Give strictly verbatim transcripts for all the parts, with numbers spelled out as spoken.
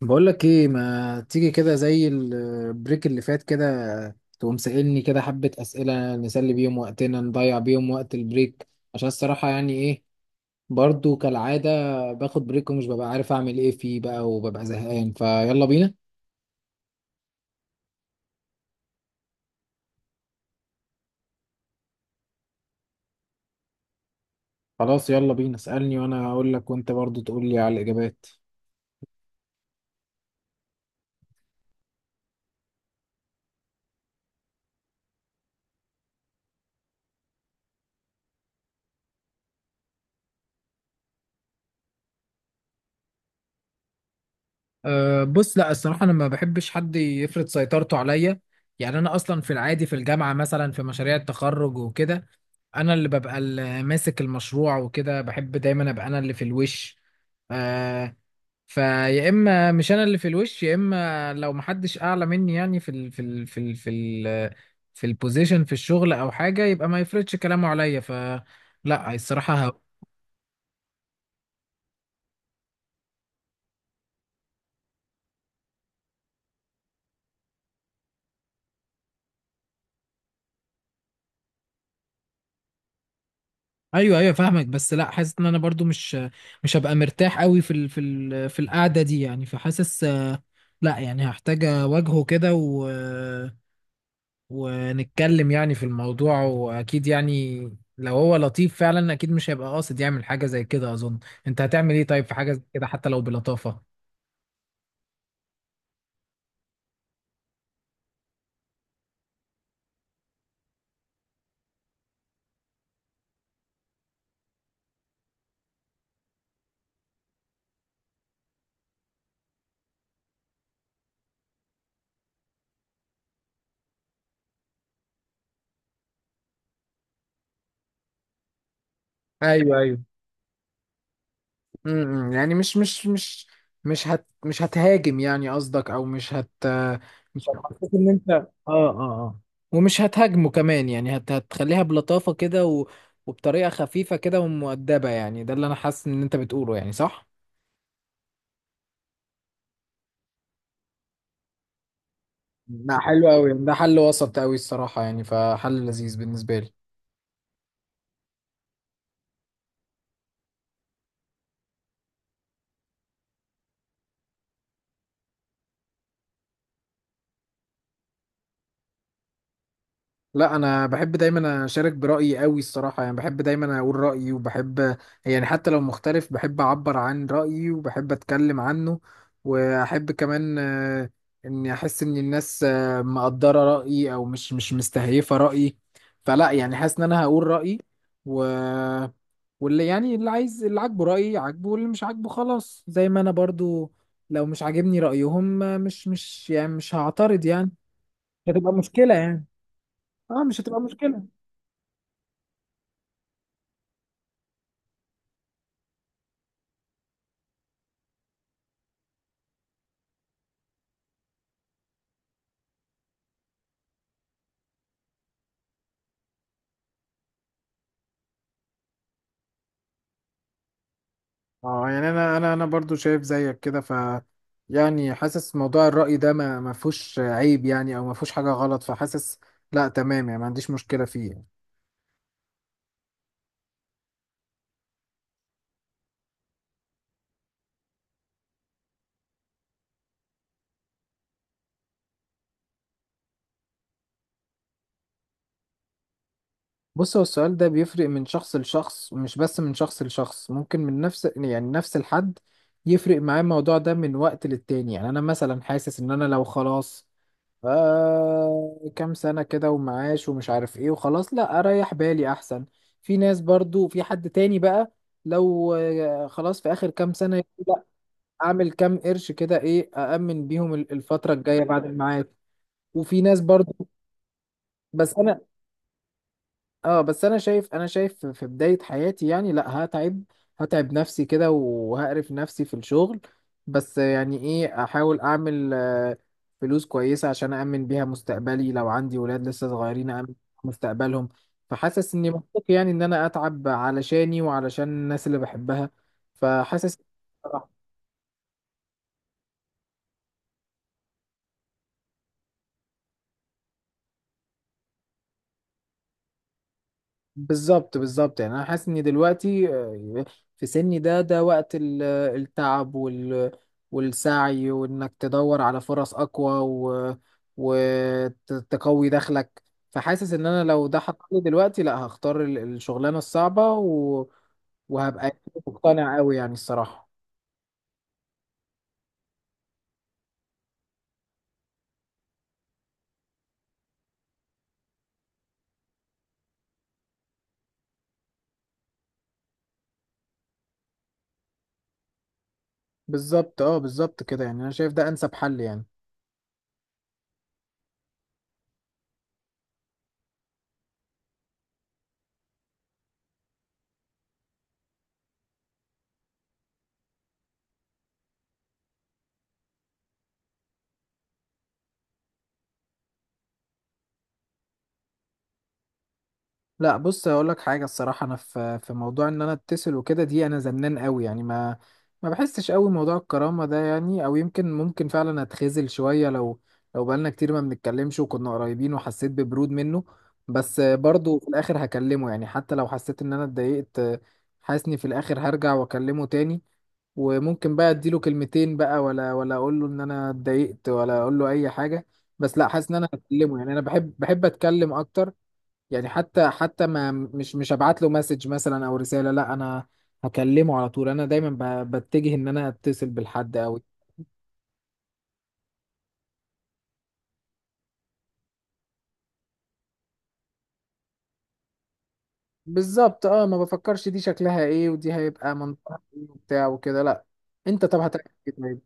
بقول لك ايه، ما تيجي كده زي البريك اللي فات كده، تقوم سائلني كده حبة أسئلة نسلي بيهم وقتنا، نضيع بيهم وقت البريك؟ عشان الصراحة يعني ايه، برضو كالعادة باخد بريك ومش ببقى عارف أعمل ايه فيه بقى، وببقى زهقان. فيلا بينا. خلاص يلا بينا، اسألني وأنا هقول لك، وأنت برضو تقول لي على الإجابات. أه بص، لا الصراحة أنا ما بحبش حد يفرض سيطرته عليا. يعني أنا أصلا في العادي في الجامعة مثلا في مشاريع التخرج وكده، أنا اللي ببقى اللي ماسك المشروع وكده، بحب دايما أبقى أنا اللي في الوش. أه. فيا إما مش أنا اللي في الوش، يا إما لو محدش أعلى مني يعني في ال في ال في ال في ال في البوزيشن في الشغل أو حاجة، يبقى ما يفرضش كلامه عليا، فلا الصراحة. ايوه ايوه فاهمك، بس لا حاسس ان انا برضو مش مش هبقى مرتاح قوي في ال... في ال... في القعده دي، يعني فحاسس آه، لا، يعني هحتاج اواجهه كده و... ونتكلم يعني في الموضوع، واكيد يعني لو هو لطيف فعلا، اكيد مش هيبقى قاصد يعمل حاجه زي كده، اظن. انت هتعمل ايه طيب في حاجه زي كده حتى لو بلطافه؟ ايوه ايوه. امم امم. يعني مش مش مش مش هت مش هتهاجم يعني قصدك، او مش هت مش هتحسسك ان انت اه اه اه ومش هتهاجمه كمان، يعني هت هتخليها بلطافة كده و... وبطريقة خفيفة كده ومؤدبة، يعني ده اللي انا حاسس ان انت بتقوله، يعني صح؟ لا حلو قوي، ده حل وسط قوي الصراحة، يعني فحل لذيذ بالنسبة لي. لا انا بحب دايما اشارك برايي قوي الصراحه، يعني بحب دايما اقول رايي، وبحب يعني حتى لو مختلف بحب اعبر عن رايي، وبحب اتكلم عنه. واحب كمان آه، اني احس ان الناس آه، مقدره رايي، او مش مش مستهيفه رايي. فلا يعني حاسس ان انا هقول رايي، و واللي يعني اللي عايز، اللي عاجبه رايي عاجبه، واللي مش عاجبه خلاص. زي ما انا برضو لو مش عاجبني رايهم آه، مش مش يعني مش هعترض يعني. مش هتبقى مشكله يعني. اه مش هتبقى مشكله. اه يعني انا انا انا برضو شايف زيك كده، ف يعني حاسس موضوع الرأي ده ما ما فيهوش عيب يعني، او ما فيهوش حاجة غلط، فحاسس لا تمام، يعني ما عنديش مشكلة فيه يعني. بص، هو السؤال ده بيفرق من شخص لشخص، ومش بس من شخص لشخص، ممكن من نفس يعني نفس الحد يفرق معاه الموضوع ده من وقت للتاني. يعني انا مثلا حاسس ان انا لو خلاص آه كام سنة كده ومعاش ومش عارف ايه وخلاص، لا اريح بالي احسن. في ناس برضو، في حد تاني بقى لو آه خلاص في اخر كام سنة، يقول لا اعمل كام قرش كده، ايه، أأمن بيهم ال- الفترة الجاية بعد المعاش. وفي ناس برضو. بس انا، اه بس انا شايف، انا شايف في بداية حياتي يعني لا هتعب، هتعب نفسي كده وهقرف نفسي في الشغل، بس يعني ايه، احاول اعمل آه، فلوس كويسة عشان أأمن بيها مستقبلي، لو عندي ولاد لسه صغيرين أأمن مستقبلهم. فحاسس اني منطقي يعني ان انا اتعب علشاني وعلشان الناس اللي بحبها، فحاسس. بالظبط بالظبط، يعني انا حاسس ان دلوقتي آه، في سني ده، ده وقت ال- التعب وال والسعي، وانك تدور على فرص اقوى و وتقوي دخلك. فحاسس ان انا لو ده حصل لي دلوقتي، لا هختار ال- الشغلانه الصعبه و... وهبقى مقتنع قوي، يعني الصراحه. بالظبط اه بالظبط كده، يعني انا شايف ده انسب حل يعني. لا بص، اقول لك حاجه الصراحه، انا في في موضوع ان انا اتصل وكده دي، انا زنان قوي، يعني ما ما بحسش قوي موضوع الكرامه ده يعني. او يمكن ممكن فعلا اتخذل شويه، لو لو بقالنا كتير ما بنتكلمش وكنا قريبين، وحسيت ببرود منه. بس برضه في الاخر هكلمه، يعني حتى لو حسيت ان انا اتضايقت. حاسني في الاخر هرجع واكلمه تاني. وممكن بقى اديله كلمتين بقى، ولا ولا اقول له ان انا اتضايقت، ولا اقول له اي حاجه. بس لا حاسس ان انا هكلمه. يعني انا بحب بحب اتكلم اكتر. يعني حتى حتى ما مش مش هبعت له مسج مثلا او رسالة، لا انا هكلمه على طول. انا دايما ب- بتجه ان انا اتصل بالحد قوي. بالظبط، اه ما بفكرش دي شكلها ايه، ودي هيبقى منطقة ايه وبتاع وكده، لا. انت طب هتعمل ايه طيب؟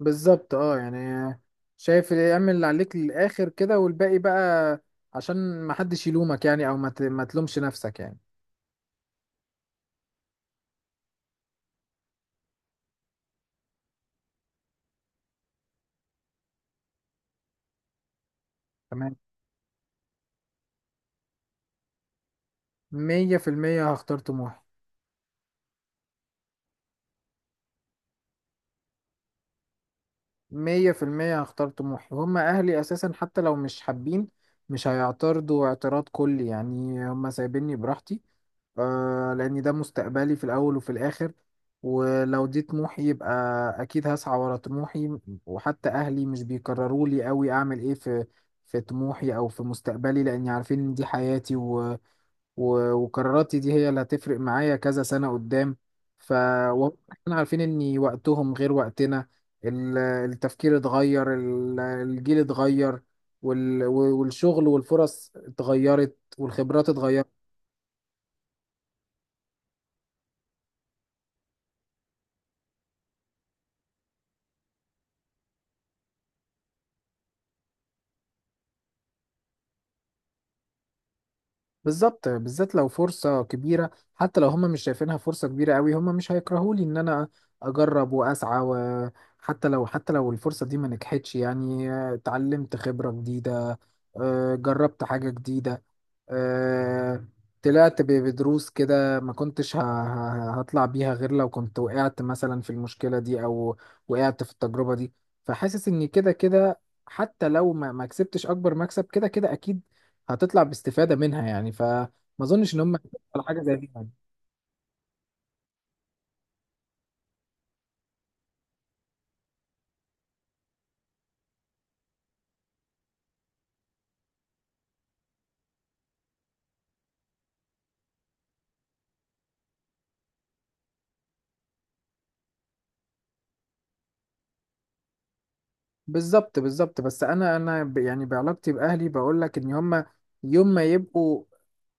بالظبط، اه يعني شايف إيه، اعمل اللي عليك للاخر كده، والباقي بقى عشان ما حدش يلومك يعني، او ما ت- ما تلومش نفسك يعني. تمام. مية في المية هختار طموحي. مية في المية هختار طموحي. هما أهلي أساسا حتى لو مش حابين، مش هيعترضوا اعتراض كلي، يعني هما سايبيني براحتي. آه، لأن ده مستقبلي في الأول وفي الآخر، ولو دي طموحي، يبقى أكيد هسعى ورا طموحي. وحتى أهلي مش بيكرروا لي أوي أعمل إيه في في طموحي أو في مستقبلي، لأني عارفين إن دي حياتي، و- وقراراتي دي هي اللي هتفرق معايا كذا سنة قدام. ف و- احنا عارفين ان وقتهم غير وقتنا. ال- التفكير اتغير، ال- الجيل اتغير، وال- والشغل والفرص اتغيرت والخبرات اتغيرت. بالظبط، بالذات لو فرصة كبيرة. حتى لو هم مش شايفينها فرصة كبيرة قوي، هم مش هيكرهولي ان انا اجرب واسعى. وحتى لو حتى لو الفرصة دي ما نجحتش، يعني آه، اتعلمت خبرة جديدة، اه، جربت حاجة جديدة، آه، طلعت ب- بدروس كده ما كنتش ه- ه- هطلع بيها غير لو كنت وقعت مثلا في المشكلة دي، أو وقعت في التجربة دي. فحاسس إن كده كده حتى لو ما ما كسبتش أكبر مكسب، كده كده أكيد هتطلع باستفادة منها، يعني فما أظنش إن هم على حاجة زي دي. بالظبط بالظبط. بس انا انا ب- يعني بعلاقتي باهلي بقول لك ان هم يوم ما يبقوا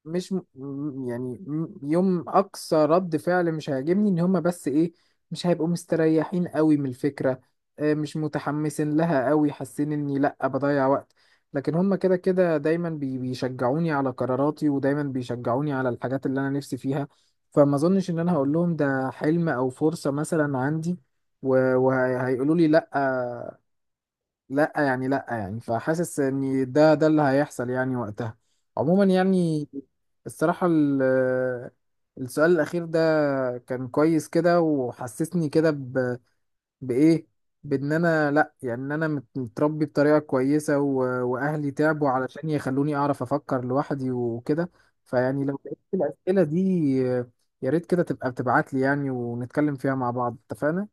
مش م... م- يعني م- يوم اقصى رد فعل مش هيعجبني ان هم بس ايه، مش هيبقوا مستريحين قوي من الفكره، آه، مش متحمسين لها قوي، حاسين اني لا بضيع وقت. لكن هم كده كده دايما بي- بيشجعوني على قراراتي، ودايما بيشجعوني على الحاجات اللي انا نفسي فيها. فما اظنش ان انا هقول لهم ده حلم او فرصه مثلا عندي، و- وهيقولوا لي لا. لا يعني لا يعني، فحاسس ان ده ده اللي هيحصل يعني وقتها. عموما يعني الصراحة ال- السؤال الأخير ده كان كويس كده، وحسسني كده ب... بإيه، بإن أنا لأ، يعني إن أنا مت- متربي بطريقة كويسة و... وأهلي تعبوا علشان يخلوني أعرف أفكر لوحدي وكده. فيعني لو لقيت الأسئلة دي يا ريت كده تبقى بتبعت لي، يعني ونتكلم فيها مع بعض، اتفقنا؟